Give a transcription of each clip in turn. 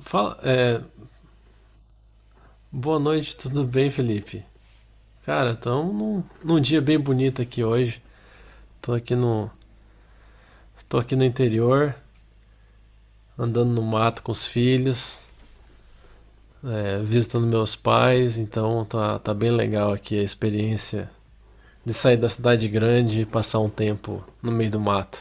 Fala, boa noite, tudo bem, Felipe? Cara, estamos num dia bem bonito aqui hoje. Tô aqui no, Tô aqui no interior, andando no mato com os filhos, visitando meus pais, então tá bem legal aqui a experiência de sair da cidade grande e passar um tempo no meio do mato.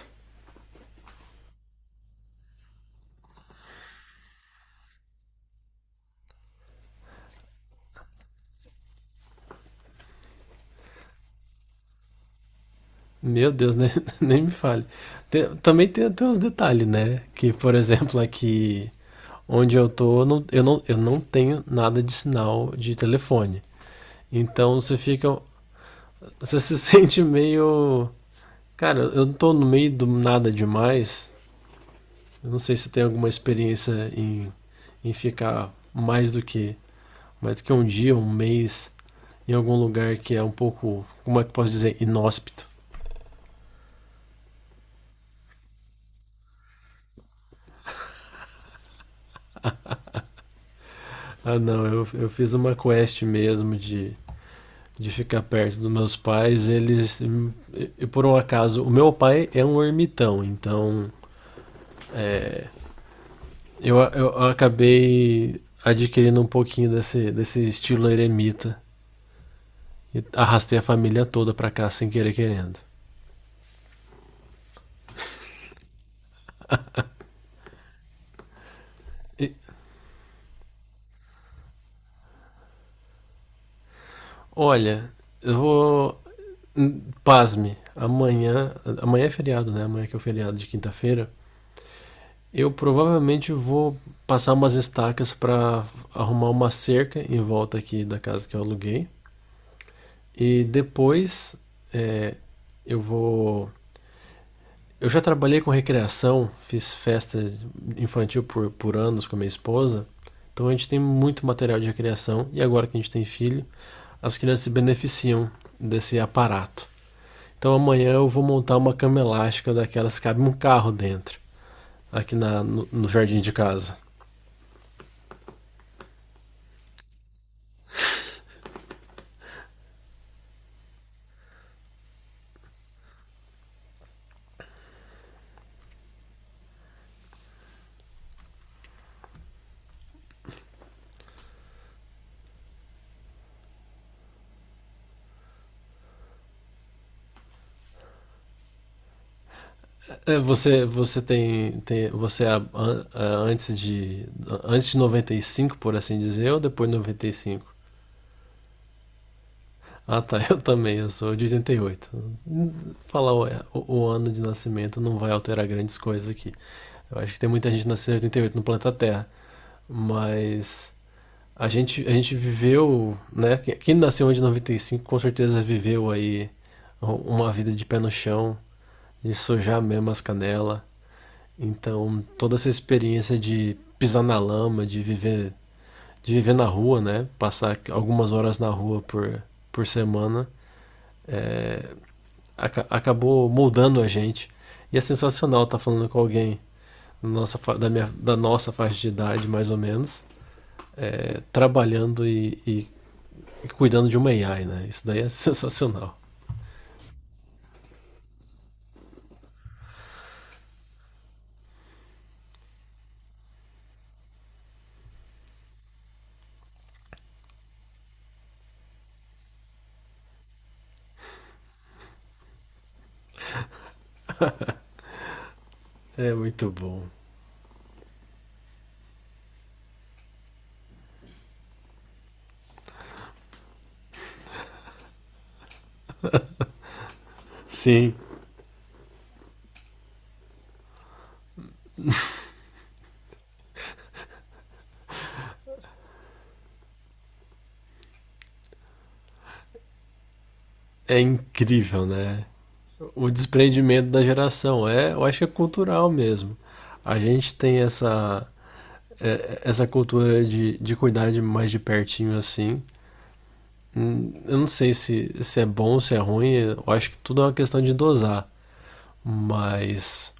Meu Deus, nem, nem me fale. Também tem uns detalhes, né? Que, por exemplo, aqui onde eu tô, eu não tenho nada de sinal de telefone. Então você fica. Você se sente meio. Cara, eu não tô no meio do nada demais. Eu não sei se tem alguma experiência em, em ficar mais do que. Mais do que um dia, um mês, em algum lugar que é um pouco. Como é que eu posso dizer? Inóspito. Ah, não, eu fiz uma quest mesmo de ficar perto dos meus pais. Eles. E por um acaso, o meu pai é um ermitão, então. É, eu acabei adquirindo um pouquinho desse estilo eremita e arrastei a família toda pra cá sem querer querendo. E, olha, eu vou. Pasme, amanhã. Amanhã é feriado, né? Amanhã que é o feriado de quinta-feira. Eu provavelmente vou passar umas estacas pra arrumar uma cerca em volta aqui da casa que eu aluguei. E depois é, eu vou Eu já trabalhei com recreação, fiz festa infantil por anos com a minha esposa. Então a gente tem muito material de recreação e agora que a gente tem filho, as crianças se beneficiam desse aparato. Então amanhã eu vou montar uma cama elástica daquelas que cabe um carro dentro, aqui na, no, no jardim de casa. Você tem você a- antes de antes de 95, por assim dizer, ou depois de 95? Ah, tá. Eu também. Eu sou de 88. Falar o ano de nascimento não vai alterar grandes coisas aqui. Eu acho que tem muita gente nascida em 88 no planeta Terra. Mas a gente viveu, né? Quem nasceu em cinco com certeza viveu aí uma vida de pé no chão, de sojar mesmo as canelas. Então, toda essa experiência de pisar na lama, de viver na rua, né? Passar algumas horas na rua por semana. É, Acabou moldando a gente. E é sensacional estar falando com alguém nossa, da nossa faixa de idade, mais ou menos, trabalhando e cuidando de uma AI, né? Isso daí é sensacional. É muito bom. Sim, é incrível, né? O desprendimento da geração eu acho que é cultural mesmo. A gente tem essa cultura de cuidar de mais de pertinho assim. Eu não sei se é bom, se é ruim, eu acho que tudo é uma questão de dosar. Mas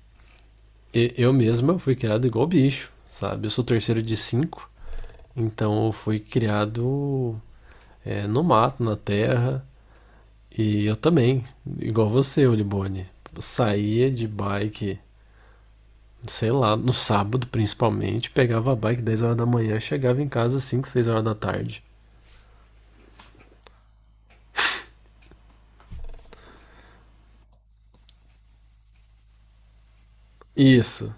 eu mesmo eu fui criado igual bicho, sabe? Eu sou terceiro de cinco, então eu fui criado no mato, na terra. E eu também, igual você, Olibone. Eu saía de bike, sei lá, no sábado principalmente, pegava a bike 10 horas da manhã, chegava em casa 5 6 horas da tarde. Isso.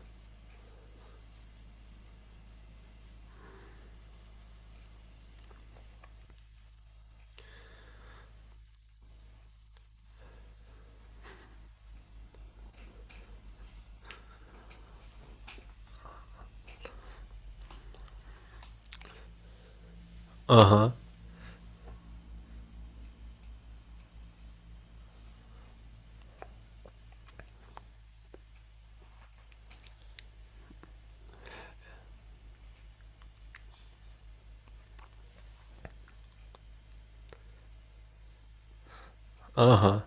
Aham, uhum, aham.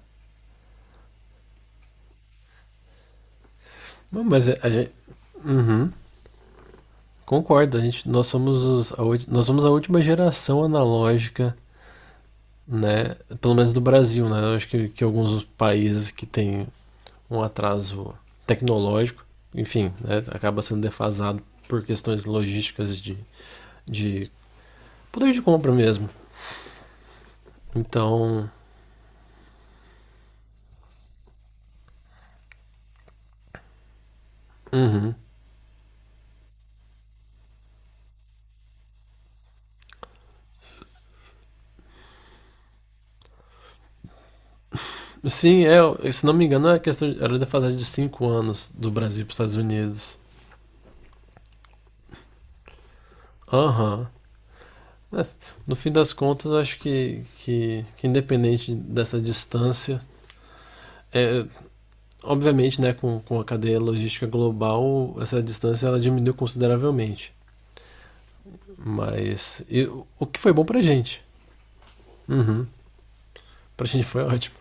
Uhum. Mas a gente. Uhum. Concordo, nós somos a última geração analógica, né? Pelo menos do Brasil, né? Eu acho que alguns países que têm um atraso tecnológico, enfim, né? Acaba sendo defasado por questões logísticas de poder de compra mesmo. Então. Uhum. Sim, se não me engano, é questão, era defasagem de 5 anos do Brasil para os Estados Unidos. Aham. Mas, no fim das contas, acho que independente dessa distância, É, obviamente, né, com a cadeia logística global, essa distância ela diminuiu consideravelmente. Mas e que foi bom pra gente? Uhum. Pra gente foi ótimo.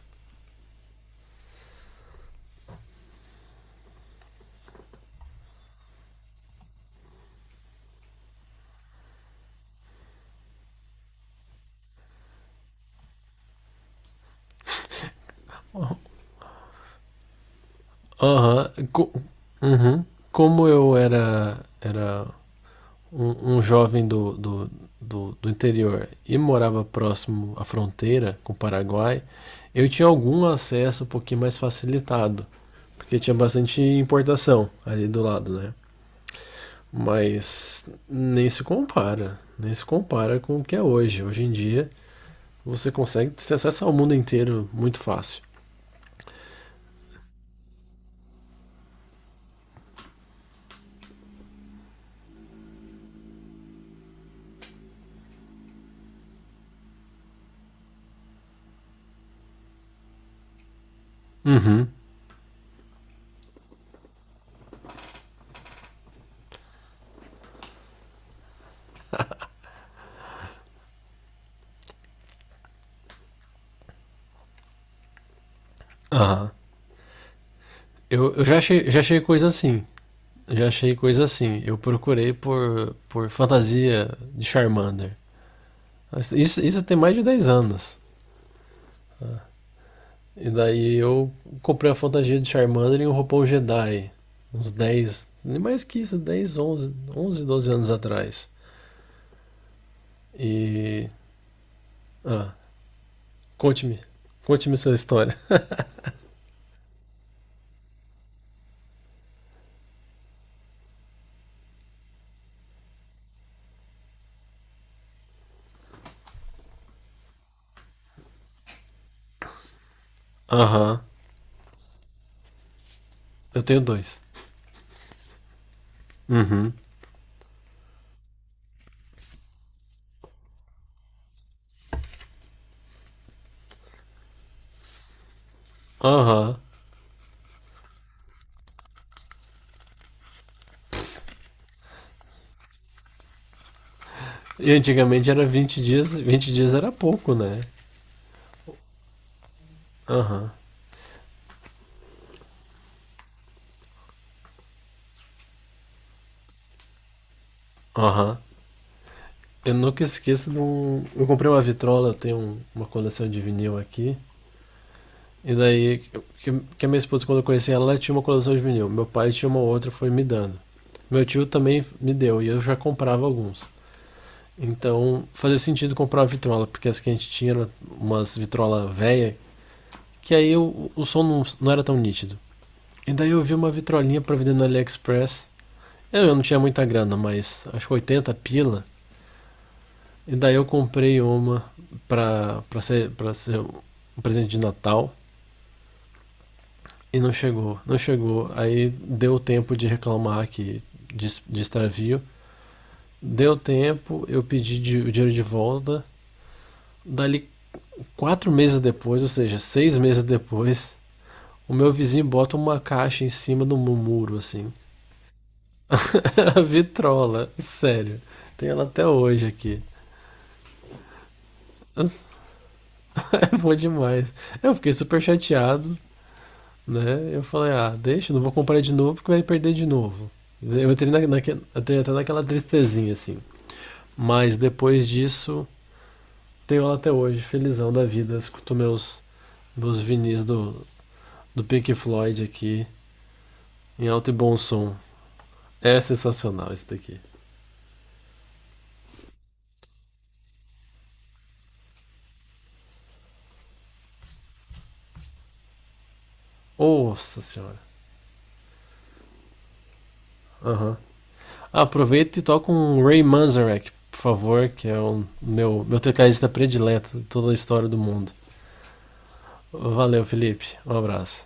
Aham. Uhum. Como eu era um jovem do interior e morava próximo à fronteira com o Paraguai, eu tinha algum acesso um pouquinho mais facilitado, porque tinha bastante importação ali do lado, né? Mas nem se compara, nem se compara com o que é hoje. Hoje em dia você consegue ter acesso ao mundo inteiro muito fácil. Uhum. Aham. Eu já achei, coisa assim. Já achei coisa assim. Eu procurei por fantasia de Charmander. Isso tem mais de 10 anos. E daí eu comprei a fantasia de Charmander e um roupão Jedi. Uns 10, nem mais que isso, 10, 11, 12 anos atrás. E Conte-me. Conte-me sua história. Aham. Eu tenho dois. Uhum. Aham. E antigamente era 20 dias. Vinte dias era pouco, né? Aham. Aham. Eu nunca esqueço de um. Eu comprei uma vitrola, eu tenho uma coleção de vinil aqui. E daí, que, que a minha esposa, quando eu conheci ela, ela tinha uma coleção de vinil. Meu pai tinha uma outra, foi me dando. Meu tio também me deu, e eu já comprava alguns. Então, fazia sentido comprar uma vitrola, porque as que a gente tinha eram umas vitrola velha, que aí o som não era tão nítido. E daí eu vi uma vitrolinha pra vender no AliExpress. Eu não tinha muita grana, mas acho que 80 pila. E daí eu comprei uma pra ser um presente de Natal. E não chegou, não chegou. Aí deu tempo de reclamar de extravio. Deu tempo, eu pedi o dinheiro de volta. Dali 4 meses depois, ou seja, 6 meses depois, o meu vizinho bota uma caixa em cima do muro, assim. A vitrola, sério. Tenho ela até hoje aqui. É bom demais. Eu fiquei super chateado, né? Eu falei, ah, deixa, não vou comprar de novo porque vai perder de novo. Eu entrei, entrei até naquela tristezinha, assim. Mas depois disso, tenho ela até hoje, felizão da vida. Escuto meus vinis do Pink Floyd aqui, em alto e bom som. É sensacional isso daqui. Nossa senhora. Aham. Uhum. Ah, aproveita e toca um Ray Manzarek, por favor, que é o meu tecladista predileto de toda a história do mundo. Valeu, Felipe. Um abraço.